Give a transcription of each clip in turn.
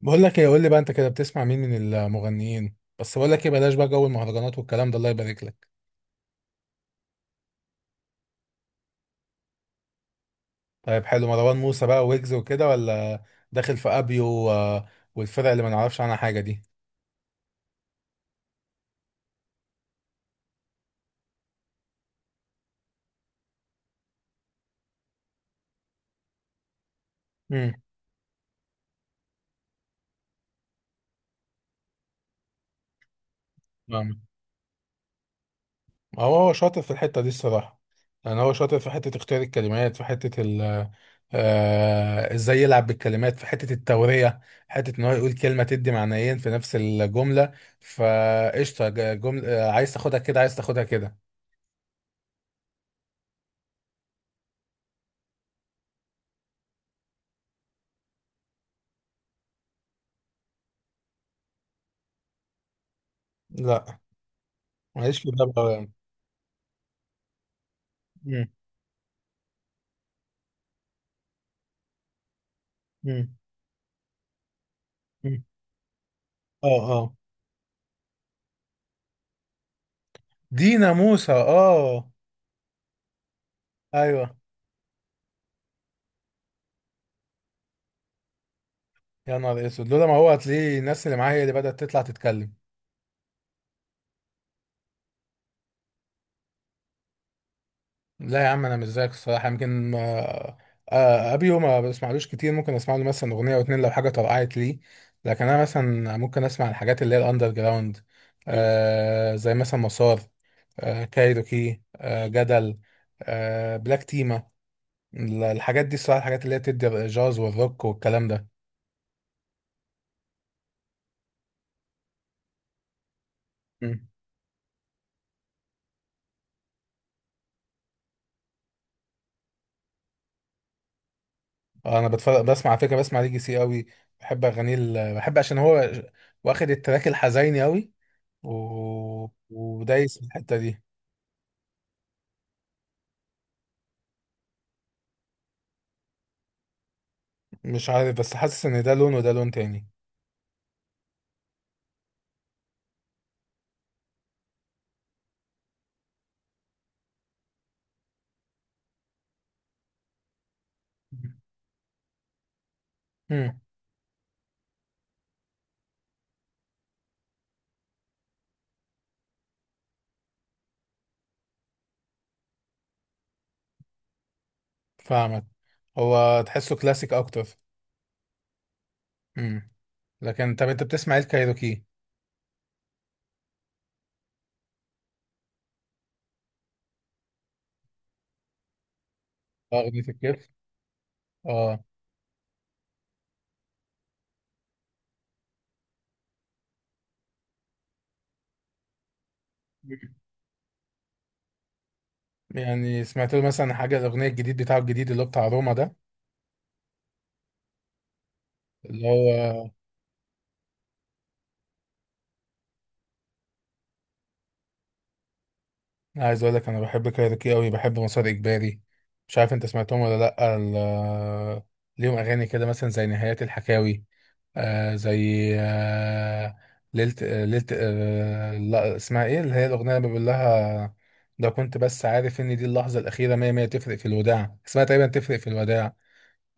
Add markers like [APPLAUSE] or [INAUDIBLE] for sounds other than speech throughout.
بقول لك ايه، قول لي بقى، انت كده بتسمع مين من المغنيين؟ بس بقول لك ايه، بلاش بقى جو المهرجانات والكلام ده، الله يبارك لك. طيب، حلو. مروان موسى بقى ويجز وكده، ولا داخل في ابيو والفرق اللي ما نعرفش عنها حاجه دي؟ امم فاهم. هو شاطر في الحته دي الصراحه. يعني هو شاطر في حته اختيار الكلمات، في حته ال آه، ازاي يلعب بالكلمات في حته التوريه، حته ان هو يقول كلمه تدي معنيين في نفس الجمله. فقشطه، جمله. عايز تاخدها كده، عايز تاخدها كده. لا، ماليش في ده بقى. مم. مم. مم. اه، اه. دينا موسى. اه. ايوه. يا نهار اسود، لولا ما هو هتلاقيه الناس اللي معايا اللي بدأت تطلع تتكلم. لا يا عم، انا مش زيك الصراحه، يمكن ابيو ما بسمعلوش كتير، ممكن اسمع له مثلا اغنيه او اتنين لو حاجه طرقعت ليه. لكن انا مثلا ممكن اسمع الحاجات اللي هي الاندر جراوند. زي مثلا مسار، كايروكي، جدل، بلاك تيما. الحاجات دي الصراحه، الحاجات اللي هي بتدي الجاز والروك والكلام ده. انا بتفرج، بسمع على فكره، بسمع ليجي سي قوي. بحب اغانيه، بحب عشان هو واخد التراك الحزيني قوي. ودايس في الحته دي. مش عارف، بس حاسس ان ده لون وده لون تاني. امم. فاهمك. هو تحسه كلاسيك اكتر. امم لكن طب، انت بتسمع ايه الكايروكي؟ اغنيه الكيف. اه. يعني سمعت له مثلا حاجه، الاغنيه الجديد بتاعه الجديد اللي هو بتاع روما ده، اللي هو... عايز اقول لك، انا بحب كايروكي قوي، بحب مسار اجباري. مش عارف انت سمعتهم ولا لا، ليهم اغاني كده مثلا زي نهايات الحكاوي. زي ليلة لا، اسمها ايه؟ اللي هي الاغنيه اللي بيقول لها، لو كنت بس عارف ان دي اللحظه الاخيره، مية مية. تفرق في الوداع، اسمها تقريبا تفرق في الوداع.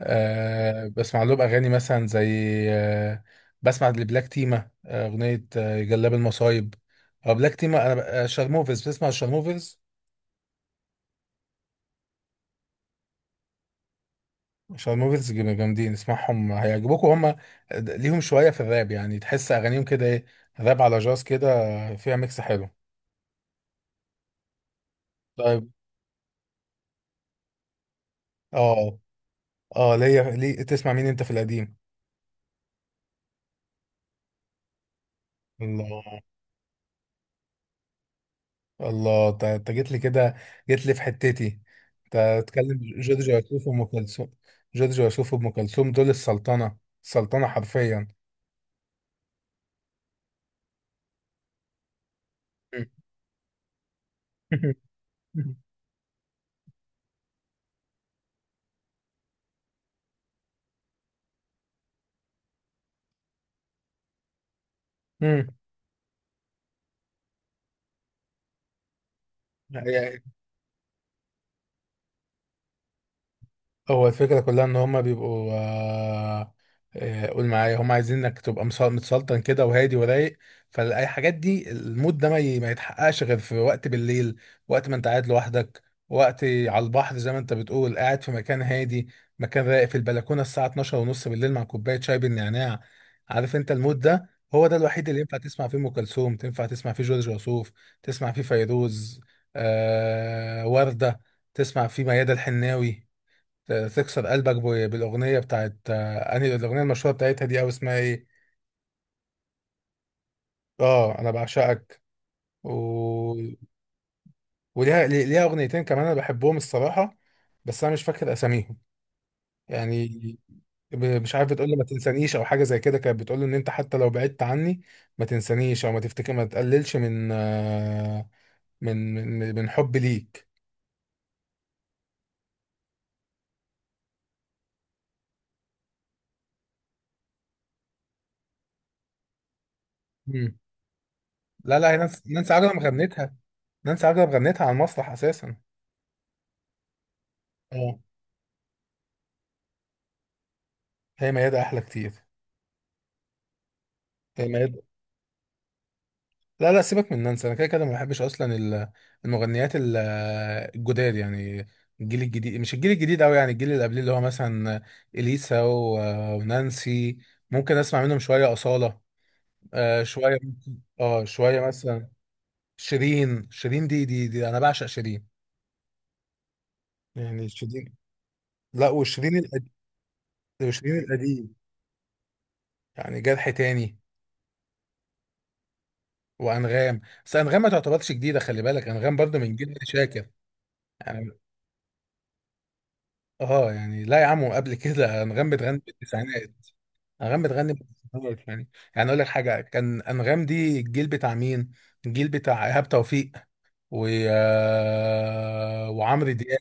بسمع لهم اغاني مثلا زي، آه بسمع لبلاك تيما اغنيه جلاب المصايب. أو بلاك تيما، انا شارموفرز. بتسمع شارموفرز؟ عشان الموفيز جامدين، اسمعهم هيعجبوكوا هم. ليهم شوية في الراب، يعني تحس أغانيهم كده إيه، راب على جاز كده، فيها ميكس حلو. طيب. اه، اه. ليه تسمع مين أنت في القديم؟ الله، الله. أنت جيت لي كده. جيت لي في حتتي. أنت تتكلم جورج وسوف وأم كلثوم؟ جورج وسوف وأم كلثوم دول السلطنة. السلطنة حرفيا. [LAUGHS] مم. هو الفكرة كلها ان هما بيبقوا قول معايا، هما عايزين انك تبقى متسلطن كده، وهادي ورايق. فالاي حاجات دي، المود ده ما يتحققش غير في وقت بالليل، وقت ما انت قاعد لوحدك، وقت على البحر، زي ما انت بتقول، قاعد في مكان هادي، مكان رايق، في البلكونة، الساعة 12 ونص بالليل، مع كوباية شاي بالنعناع. عارف انت المود ده؟ هو ده الوحيد اللي ينفع تسمع فيه ام كلثوم، تنفع تسمع فيه جورج وسوف، تسمع فيه فيروز، وردة، تسمع فيه ميادة الحناوي. تكسر قلبك بالاغنيه بتاعت انهي الاغنيه المشهوره بتاعتها دي، او اسمها ايه؟ اه، انا بعشقك. و... وليها ليها اغنيتين كمان، انا بحبهم الصراحه. بس انا مش فاكر اساميهم. يعني مش عارف، بتقول لي ما تنسانيش او حاجه زي كده. كانت بتقول له ان انت حتى لو بعدت عني ما تنسانيش، او ما تفتكر ما تقللش من من حبي ليك. مم. لا، لا، هي نانسي عجرم غنتها. نانسي عجرم غنتها على المسرح اساسا. اه، هي ميادة احلى كتير. هي ميادة. لا، لا، سيبك من نانسي. انا كده كده ما بحبش اصلا المغنيات الجداد يعني. الجيل الجديد، مش الجيل الجديد قوي، يعني الجيل اللي قبليه، اللي هو مثلا اليسا ونانسي. ممكن اسمع منهم شويه، اصاله. شويه، شويه مثلا. شيرين. دي انا بعشق شيرين. يعني شيرين. لا، وشيرين القديم. وشيرين القديم، يعني جرح تاني. وانغام. بس انغام ما تعتبرش جديده، خلي بالك، انغام برضو من جيل شاكر يعني. اه يعني، لا يا عم، قبل كده انغام بتغني بالتسعينات. انغام بتغني بالتسعينات يعني. يعني اقول لك حاجه، كان انغام دي الجيل بتاع مين؟ الجيل بتاع ايهاب توفيق و آه، وعمرو دياب.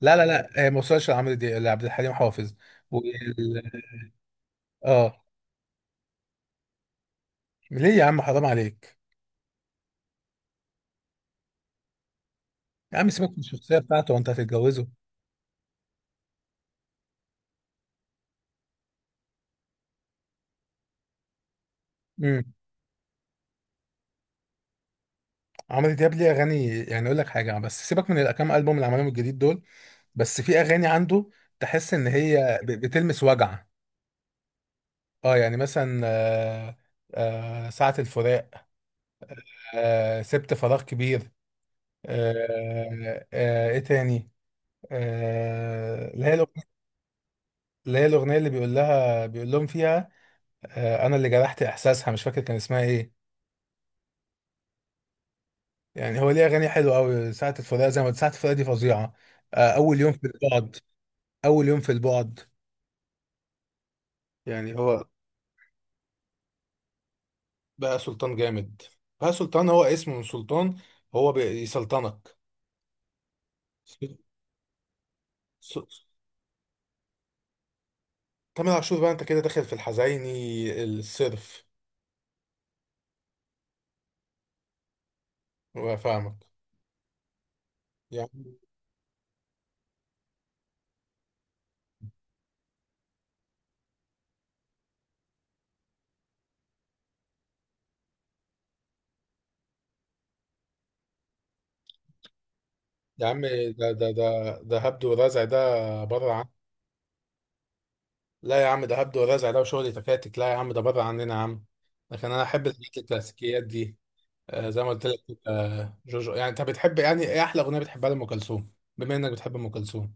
لا، لا، لا، هي ما وصلش لعمرو دياب، لعبد الحليم حافظ. و... اه. ليه يا عم، حرام عليك. يا عم، سيبك من الشخصيه بتاعته، وانت هتتجوزه؟ امم عمرو دياب ليه اغاني، يعني اقول لك حاجه، بس سيبك من الكام البوم اللي عملهم الجديد دول. بس في اغاني عنده، تحس ان هي بتلمس وجع. اه، يعني مثلا ساعة الفراق، سبت فراغ كبير، ايه تاني؟ آه، اللي هي الأغنية- اللي هي الأغنية اللي بيقول لهم فيها، أنا اللي جرحت إحساسها، مش فاكر كان اسمها إيه. يعني هو ليه أغاني حلوة أوي، ساعة الفراق زي ما قلت، ساعة الفراق دي فظيعة. آه، أول يوم في البعد أول يوم في البعد. يعني هو، بقى سلطان جامد. بقى سلطان، هو اسمه من سلطان، هو بيسلطنك. تامر عاشور، بقى انت كده داخل في الحزيني الصرف. وفاهمك. يا عم. يا عم، ده هبد ورزع ده، بره عن... لا يا عم، ده هبد ورزع، ده وشغل تكاتك. لا يا عم، ده بره عننا يا عم. لكن انا احب الحاجات الكلاسيكيات دي. زي ما قلت لك. جوجو، يعني انت بتحب، يعني ايه احلى اغنيه بتحبها لام كلثوم، بما انك بتحب ام كلثوم؟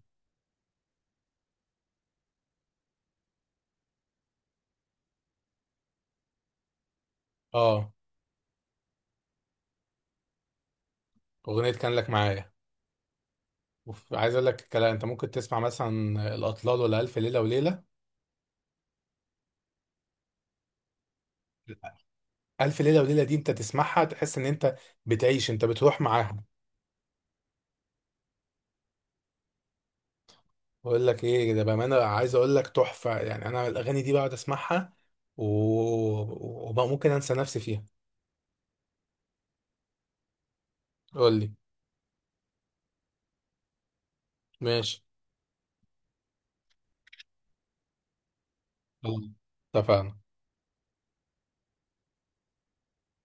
اه، اغنيه كان لك معايا. عايز اقول لك الكلام، انت ممكن تسمع مثلا الاطلال ولا الف ليله وليله؟ ألف ليلة وليلة دي، أنت تسمعها تحس إن أنت بتعيش، أنت بتروح معاها. بقول لك إيه، ده بأمانة، عايز أقول لك، تحفة. يعني أنا الأغاني دي بقعد أسمعها، و... وممكن أنسى نفسي فيها. قول لي. ماشي. خلاص. اتفقنا.